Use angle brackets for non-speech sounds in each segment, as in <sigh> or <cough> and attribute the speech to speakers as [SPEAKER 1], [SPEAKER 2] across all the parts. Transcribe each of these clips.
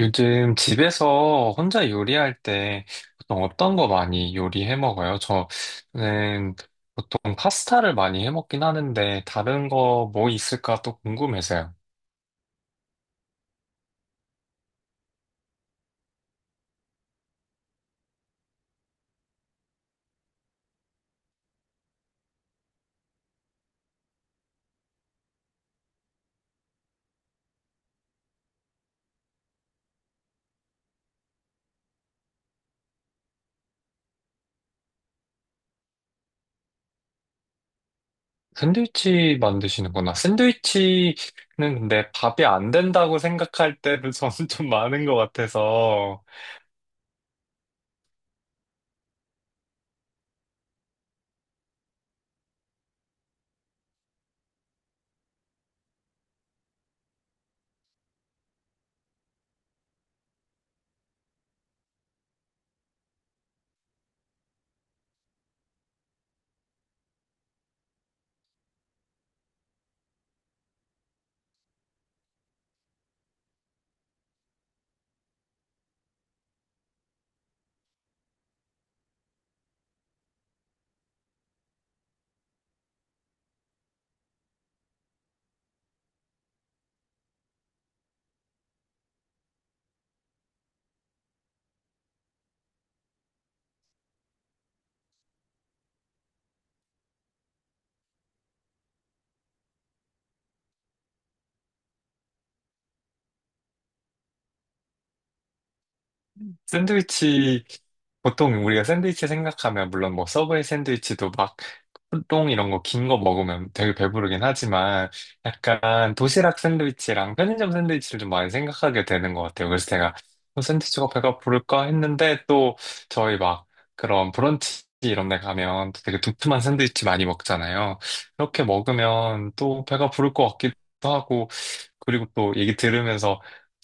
[SPEAKER 1] 요즘 집에서 혼자 요리할 때 보통 어떤 거 많이 요리해 먹어요? 저는 보통 파스타를 많이 해 먹긴 하는데 다른 거 뭐 있을까 또 궁금해서요. 샌드위치 만드시는구나. 샌드위치는 근데 밥이 안 된다고 생각할 때도 저는 <laughs> 좀 많은 것 같아서 샌드위치 보통 우리가 샌드위치 생각하면 물론 뭐 서브웨이 샌드위치도 막 호 이런 거 긴 거 먹으면 되게 배부르긴 하지만 약간 도시락 샌드위치랑 편의점 샌드위치를 좀 많이 생각하게 되는 것 같아요. 그래서 제가 샌드위치가 배가 부를까 했는데 또 저희 막 그런 브런치 이런 데 가면 또 되게 두툼한 샌드위치 많이 먹잖아요. 이렇게 먹으면 또 배가 부를 것 같기도 하고 그리고 또 얘기 들으면서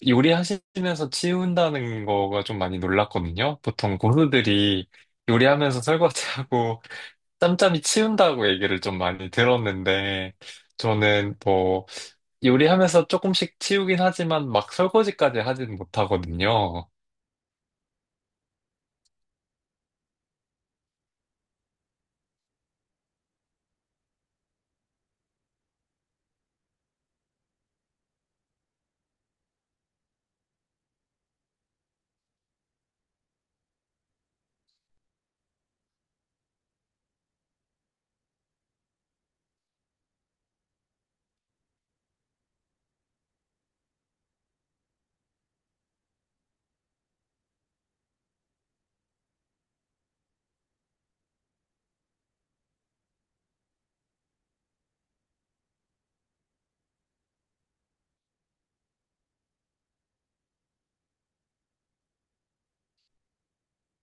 [SPEAKER 1] 요리하시면서 치운다는 거가 좀 많이 놀랐거든요. 보통 고수들이 요리하면서 설거지하고 짬짬이 치운다고 얘기를 좀 많이 들었는데, 저는 뭐, 요리하면서 조금씩 치우긴 하지만 막 설거지까지 하진 못하거든요.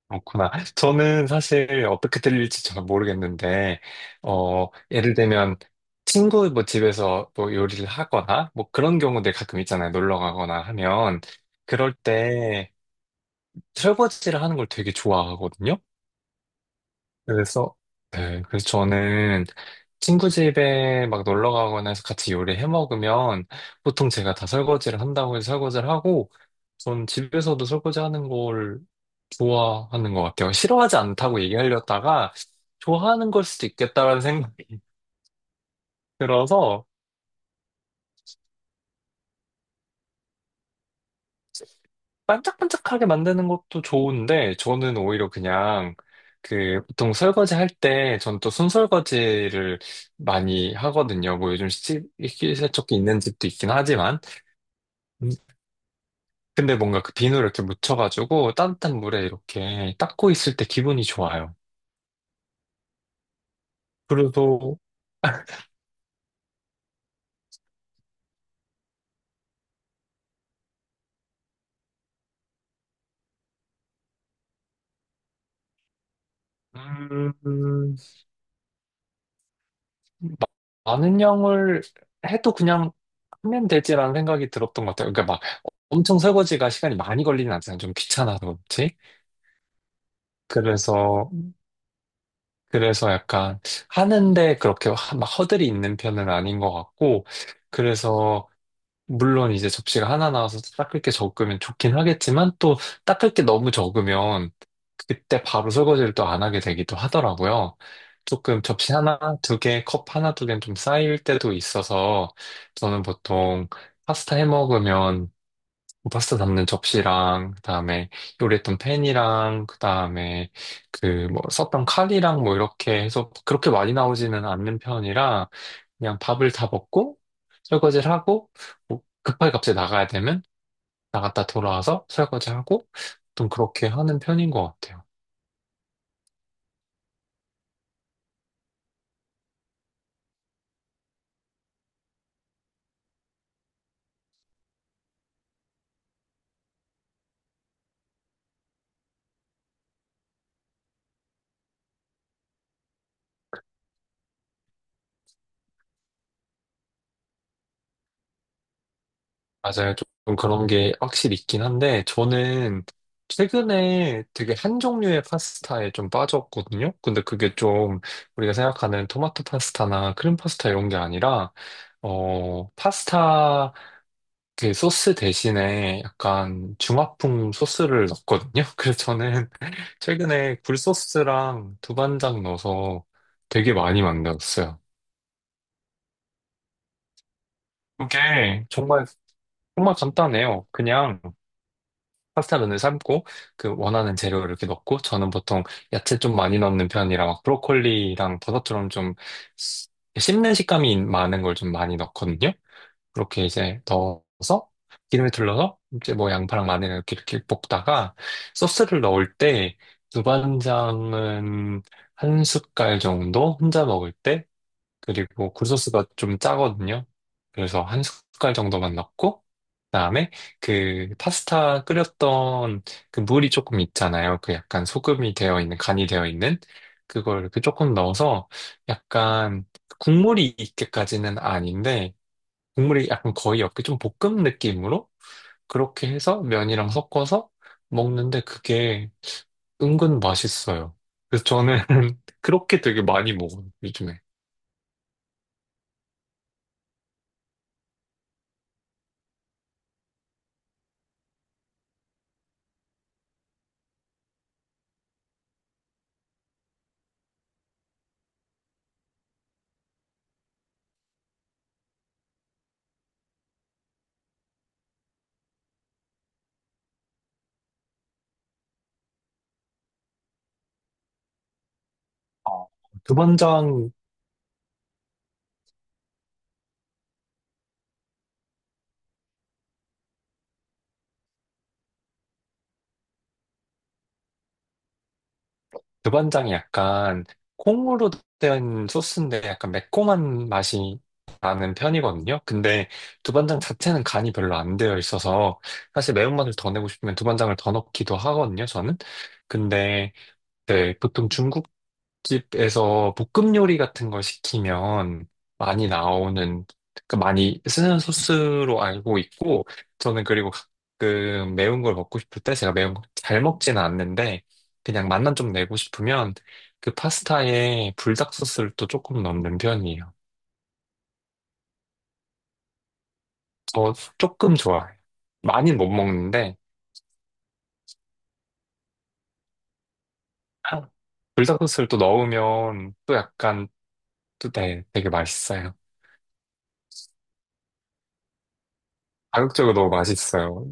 [SPEAKER 1] 그렇구나. 저는 사실 어떻게 들릴지 잘 모르겠는데, 예를 들면, 친구 뭐 집에서 뭐 요리를 하거나, 뭐 그런 경우들 가끔 있잖아요. 놀러 가거나 하면, 그럴 때 설거지를 하는 걸 되게 좋아하거든요. 그래서, 네, 그래서 저는 친구 집에 막 놀러 가거나 해서 같이 요리해 먹으면 보통 제가 다 설거지를 한다고 해서 설거지를 하고 전 집에서도 설거지 하는 걸 좋아하는 것 같아요. 싫어하지 않다고 얘기하려다가 좋아하는 걸 수도 있겠다라는 생각이 들어서 반짝반짝하게 만드는 것도 좋은데, 저는 오히려 그냥, 그, 보통 설거지 할 때, 전 또 손설거지를 많이 하거든요. 뭐 식기세척기 있는 집도 있긴 하지만, 음, 근데 뭔가 그 비누를 이렇게 묻혀가지고 따뜻한 물에 이렇게 닦고 있을 때 기분이 좋아요. 그래도, 음, 마- 많은 양을 해도 그냥 하면 되지라는 생각이 들었던 것 같아요. 그러니까 막 엄청 설거지가 시간이 많이 걸리진 않잖아요. 좀 귀찮아서 그렇지. 그래서 그래서 약간 하는데 막 허들이 있는 편은 아닌 것 같고, 그래서 물론 이제 접시가 하나 나와서 닦을 게 적으면 좋긴 하겠지만 또 닦을 게 너무 적으면 그때 바로 설거지를 또 안 하게 되기도 하더라고요. 조금 접시 하나, 두 개, 컵 하나, 두 개는 좀 쌓일 때도 있어서 저는 보통 파스타 해 먹으면 파스타 담는 접시랑 그다음에 요리했던 팬이랑 그다음에 그 뭐 썼던 칼이랑 뭐 이렇게 해서 그렇게 많이 나오지는 않는 편이라 그냥 밥을 다 먹고 설거지를 하고 뭐 급하게 갑자기 나가야 되면 나갔다 돌아와서 설거지하고 좀 그렇게 하는 편인 것 같아요. 맞아요. 조금 그런 게 확실히 있긴 한데, 저는 최근에 되게 한 종류의 파스타에 좀 빠졌거든요. 근데 그게 좀 우리가 생각하는 토마토 파스타나 크림 파스타 이런 게 아니라, 파스타 그 소스 대신에 약간 중화풍 소스를 넣었거든요. <laughs> 그래서 저는 최근에 굴소스랑 두반장 넣어서 되게 많이 만들었어요. 그게 정말, 정말 간단해요. 그냥 파스타 면을 삶고 그 원하는 재료를 이렇게 넣고 저는 보통 야채 좀 많이 넣는 편이라 막 브로콜리랑 버섯처럼 좀 씹- 씹는 식감이 많은 걸 좀 많이 넣거든요. 그렇게 이제 넣어서 기름에 둘러서 이제 뭐 양파랑 마늘 이렇게 이렇게 볶다가 소스를 넣을 때 두반장은 한 숟갈 정도 혼자 먹을 그리고 굴소스가 좀 짜거든요. 그래서 한 숟갈 정도만 넣고, 그다음에 그 파스타 끓였던 그 물이 조금 있잖아요. 그 약간 소금이 되어 있는, 간이 되어 있는 그걸 그 조금 넣어서 약간 국물이 있게까지는 아닌데, 국물이 약간 거의 없게 좀 볶음 느낌으로 그렇게 해서 면이랑 섞어서 먹는데 그게 은근 맛있어요. 그래서 저는 <laughs> 그렇게 되게 많이 먹어요, 요즘에. 어, 두반장 두반장이 약간 콩으로 된 소스인데 약간 매콤한 맛이 나는 편이거든요. 근데 두반장 자체는 간이 별로 안 되어 있어서 사실 매운맛을 더 내고 싶으면 두반장을 더 넣기도 하거든요, 저는. 근데 네, 보통 중국 집에서 볶음 요리 같은 걸 시키면 많이 나오는, 그러니까 많이 쓰는 소스로 알고 있고, 저는 그리고 가끔 매운 걸 먹고 싶을 때 제가 매운 걸 잘 먹지는 않는데, 그냥 맛만 좀 내고 싶으면 그 파스타에 불닭 소스를 또 조금 넣는 편이에요. 저 조금 좋아해요. 많이는 못 먹는데, 불닭 소스를 또 넣으면 또 약간 되게 맛있어요. 자극적으로 너무 맛있어요.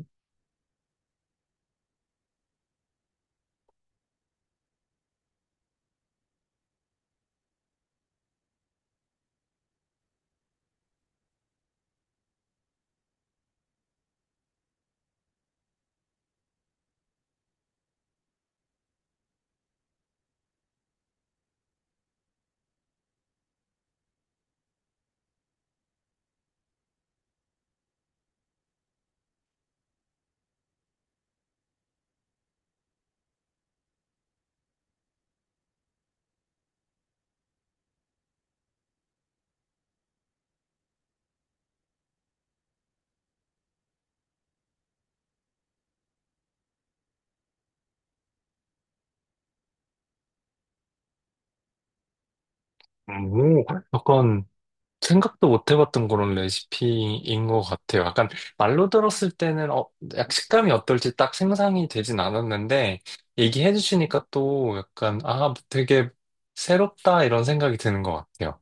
[SPEAKER 1] 오, 약간 생각도 못 해봤던 그런 레시피인 것 같아요. 약간 말로 들었을 때는 약 식감이 어떨지 딱 생각이 되진 않았는데 얘기해 주시니까 또 약간 아 되게 새롭다 이런 생각이 드는 것 같아요.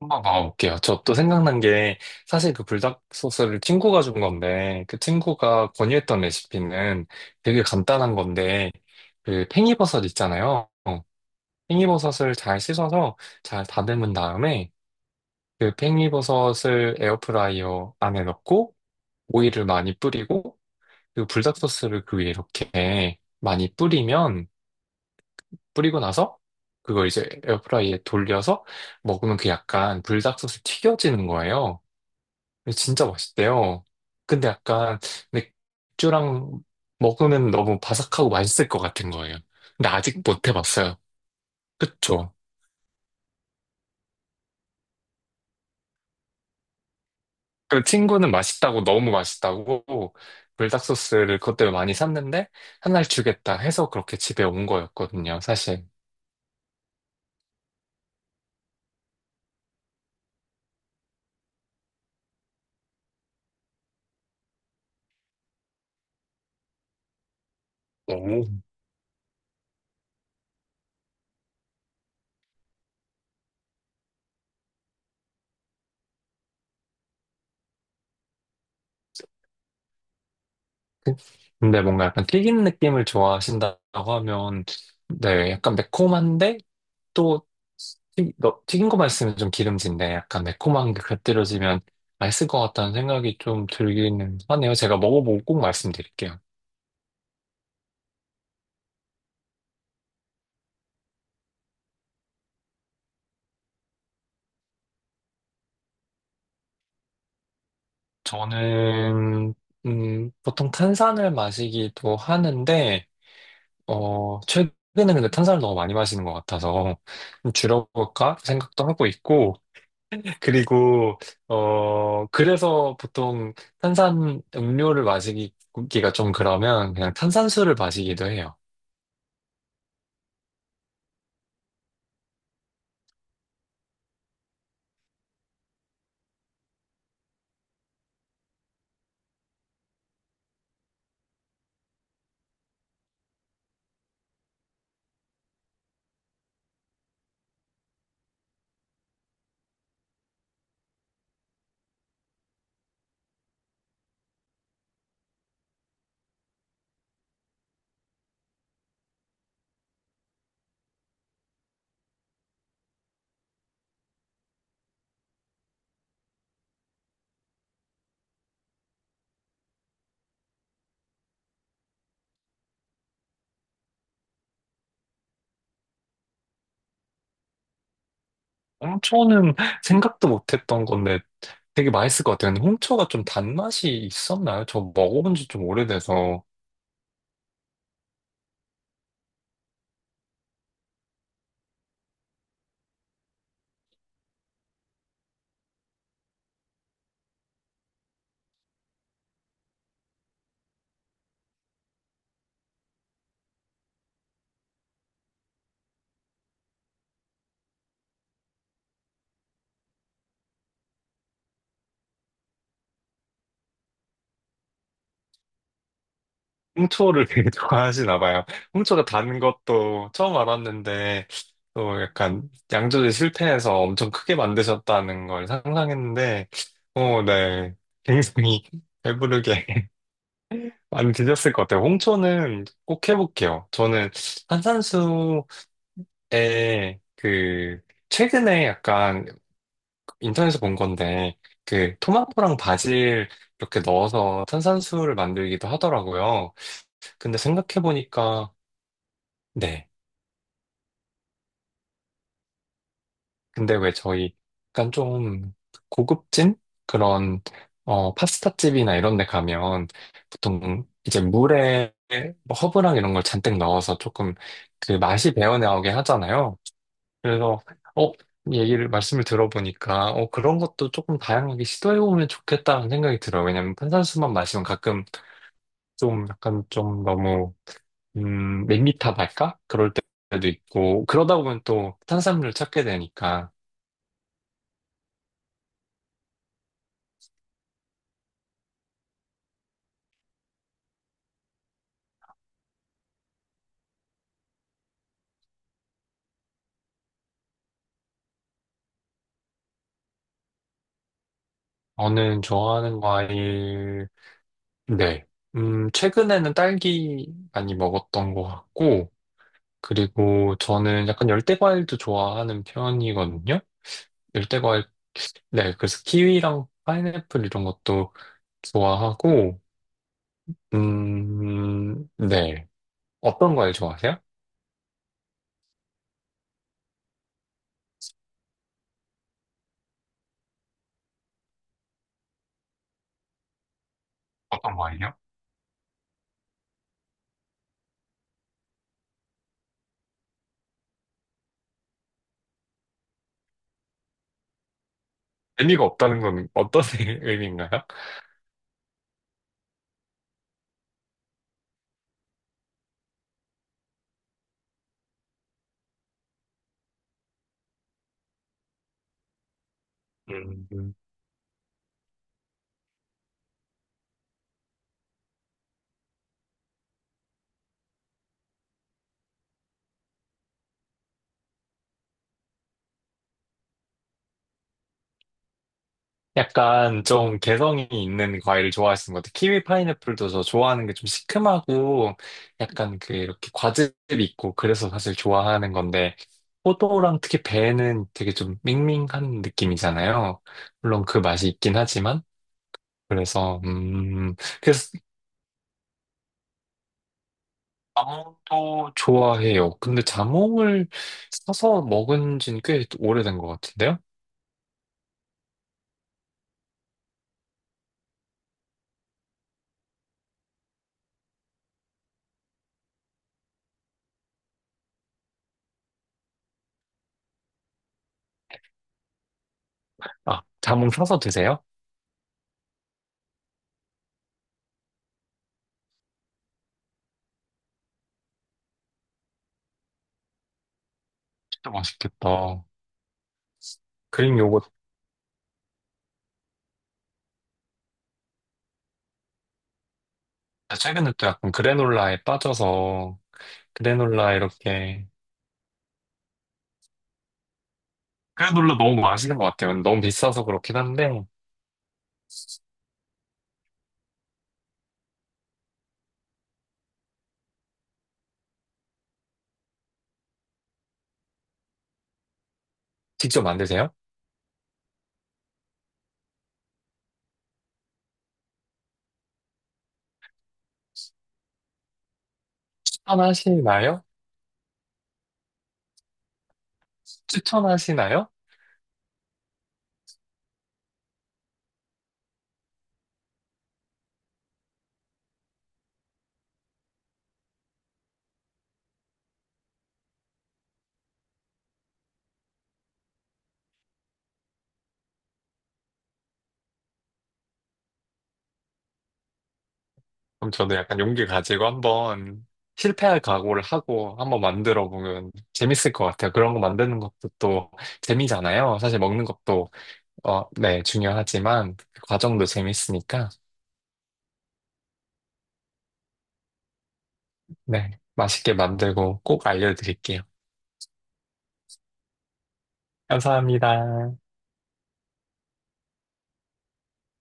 [SPEAKER 1] 한번 봐볼게요. 저 또 생각난 게 사실 그 불닭 소스를 친구가 준 건데 그 친구가 권유했던 레시피는 되게 간단한 건데 그 팽이버섯 있잖아요. 팽이버섯을 잘 씻어서 잘 다듬은 다음에 그 팽이버섯을 에어프라이어 안에 넣고 오일을 많이 뿌리고 그 불닭소스를 그 위에 이렇게 많이 뿌리면 뿌리고 나서 그걸 이제 에어프라이어에 돌려서 먹으면 그 약간 불닭소스 튀겨지는 거예요. 근데 진짜 맛있대요. 근데 약간 맥주랑 먹으면 너무 바삭하고 맛있을 것 같은 거예요. 근데 아직 못 해봤어요. 그쵸? 그 친구는 맛있다고 너무 맛있다고 불닭소스를 그것 때문에 많이 샀는데 한 날 주겠다 해서 그렇게 집에 온 거였거든요, 사실. 오. 근데 뭔가 약간 튀긴 느낌을 좋아하신다고 하면 네, 약간 매콤한데 또 튀긴 거만 있으면 좀 기름진데 약간 매콤한 게 곁들여지면 맛있을 것 같다는 생각이 좀 들기는 하네요. 제가 먹어보고 꼭 말씀드릴게요. 저는 보통 탄산을 마시기도 하는데 최근에 근데 탄산을 너무 많이 마시는 것 같아서 좀 줄여볼까 생각도 하고 있고, 그리고, 그래서 보통 탄산 음료를 마시기가 좀 그러면 그냥 탄산수를 마시기도 해요. 홍초는 생각도 못했던 건데 되게 맛있을 것 같아요. 근데 홍초가 좀 단맛이 있었나요? 저 먹어본 지 좀 오래돼서. 홍초를 되게 <laughs> 좋아하시나 봐요. 홍초가 단 것도 처음 알았는데, 또 약간 양조제 실패해서 엄청 크게 만드셨다는 걸 상상했는데, 어, 네. 굉장히 배부르게 <laughs> 많이 드셨을 것 같아요. 홍초는 꼭 해볼게요. 저는 탄산수에 그, 최근에 약간 인터넷에서 본 건데, 그 토마토랑 바질 이렇게 넣어서 탄산수를 만들기도 하더라고요. 근데 생각해보니까, 네. 근데 왜 저희 약간 좀 고급진 그런 어 파스타집이나 이런 데 가면 보통 이제 물에 뭐 허브랑 이런 걸 잔뜩 넣어서 조금 그 맛이 배어나오게 하잖아요. 그래서 어 얘기를 말씀을 들어보니까 어 그런 것도 조금 다양하게 시도해 보면 좋겠다는 생각이 들어요. 왜냐면 탄산수만 마시면 가끔 좀 약간 좀 너무 밋밋하달까? 그럴 때도 있고 그러다 보면 또 탄산물을 찾게 되니까 저는 좋아하는 과일, 네. 최근에는 딸기 많이 먹었던 것 같고, 그리고 저는 약간 열대 과일도 좋아하는 편이거든요. 열대 과일, 네. 그래서 키위랑 파인애플 이런 것도 좋아하고, 네. 어떤 과일 좋아하세요? 어떤 과일이요? 의미가 없다는 건 어떤 <laughs> 의미인가요? 음, 약간 좀 개성이 있는 과일을 좋아하시는 것 같아요. 키위 파인애플도 저 좋아하는 게 좀 시큼하고 약간 그 이렇게 과즙 있고 그래서 사실 좋아하는 건데 포도랑 특히 배는 되게 좀 밍밍한 느낌이잖아요. 물론 그 맛이 있긴 하지만 그래서 그래서 자몽도 좋아해요. 근데 자몽을 사서 먹은 지는 꽤 오래된 것 같은데요. 아 자몽 사서 드세요? 진짜 맛있겠다. 그린 요거 아, 최근에 또 약간 그래놀라에 빠져서 그래놀라 이렇게 그래놀라 너무 맛있는 것 같아요. 너무 비싸서 그렇긴 한데 직접 만드세요? 추천하시나요? 추천하시나요? 그럼 저도 약간 용기 가지고 한번 실패할 각오를 하고 한번 만들어 보면 재밌을 것 같아요. 그런 거 만드는 것도 또 재미잖아요. 사실 먹는 것도 어, 네, 중요하지만 그 과정도 재밌으니까 네, 맛있게 만들고 꼭 알려드릴게요. 감사합니다.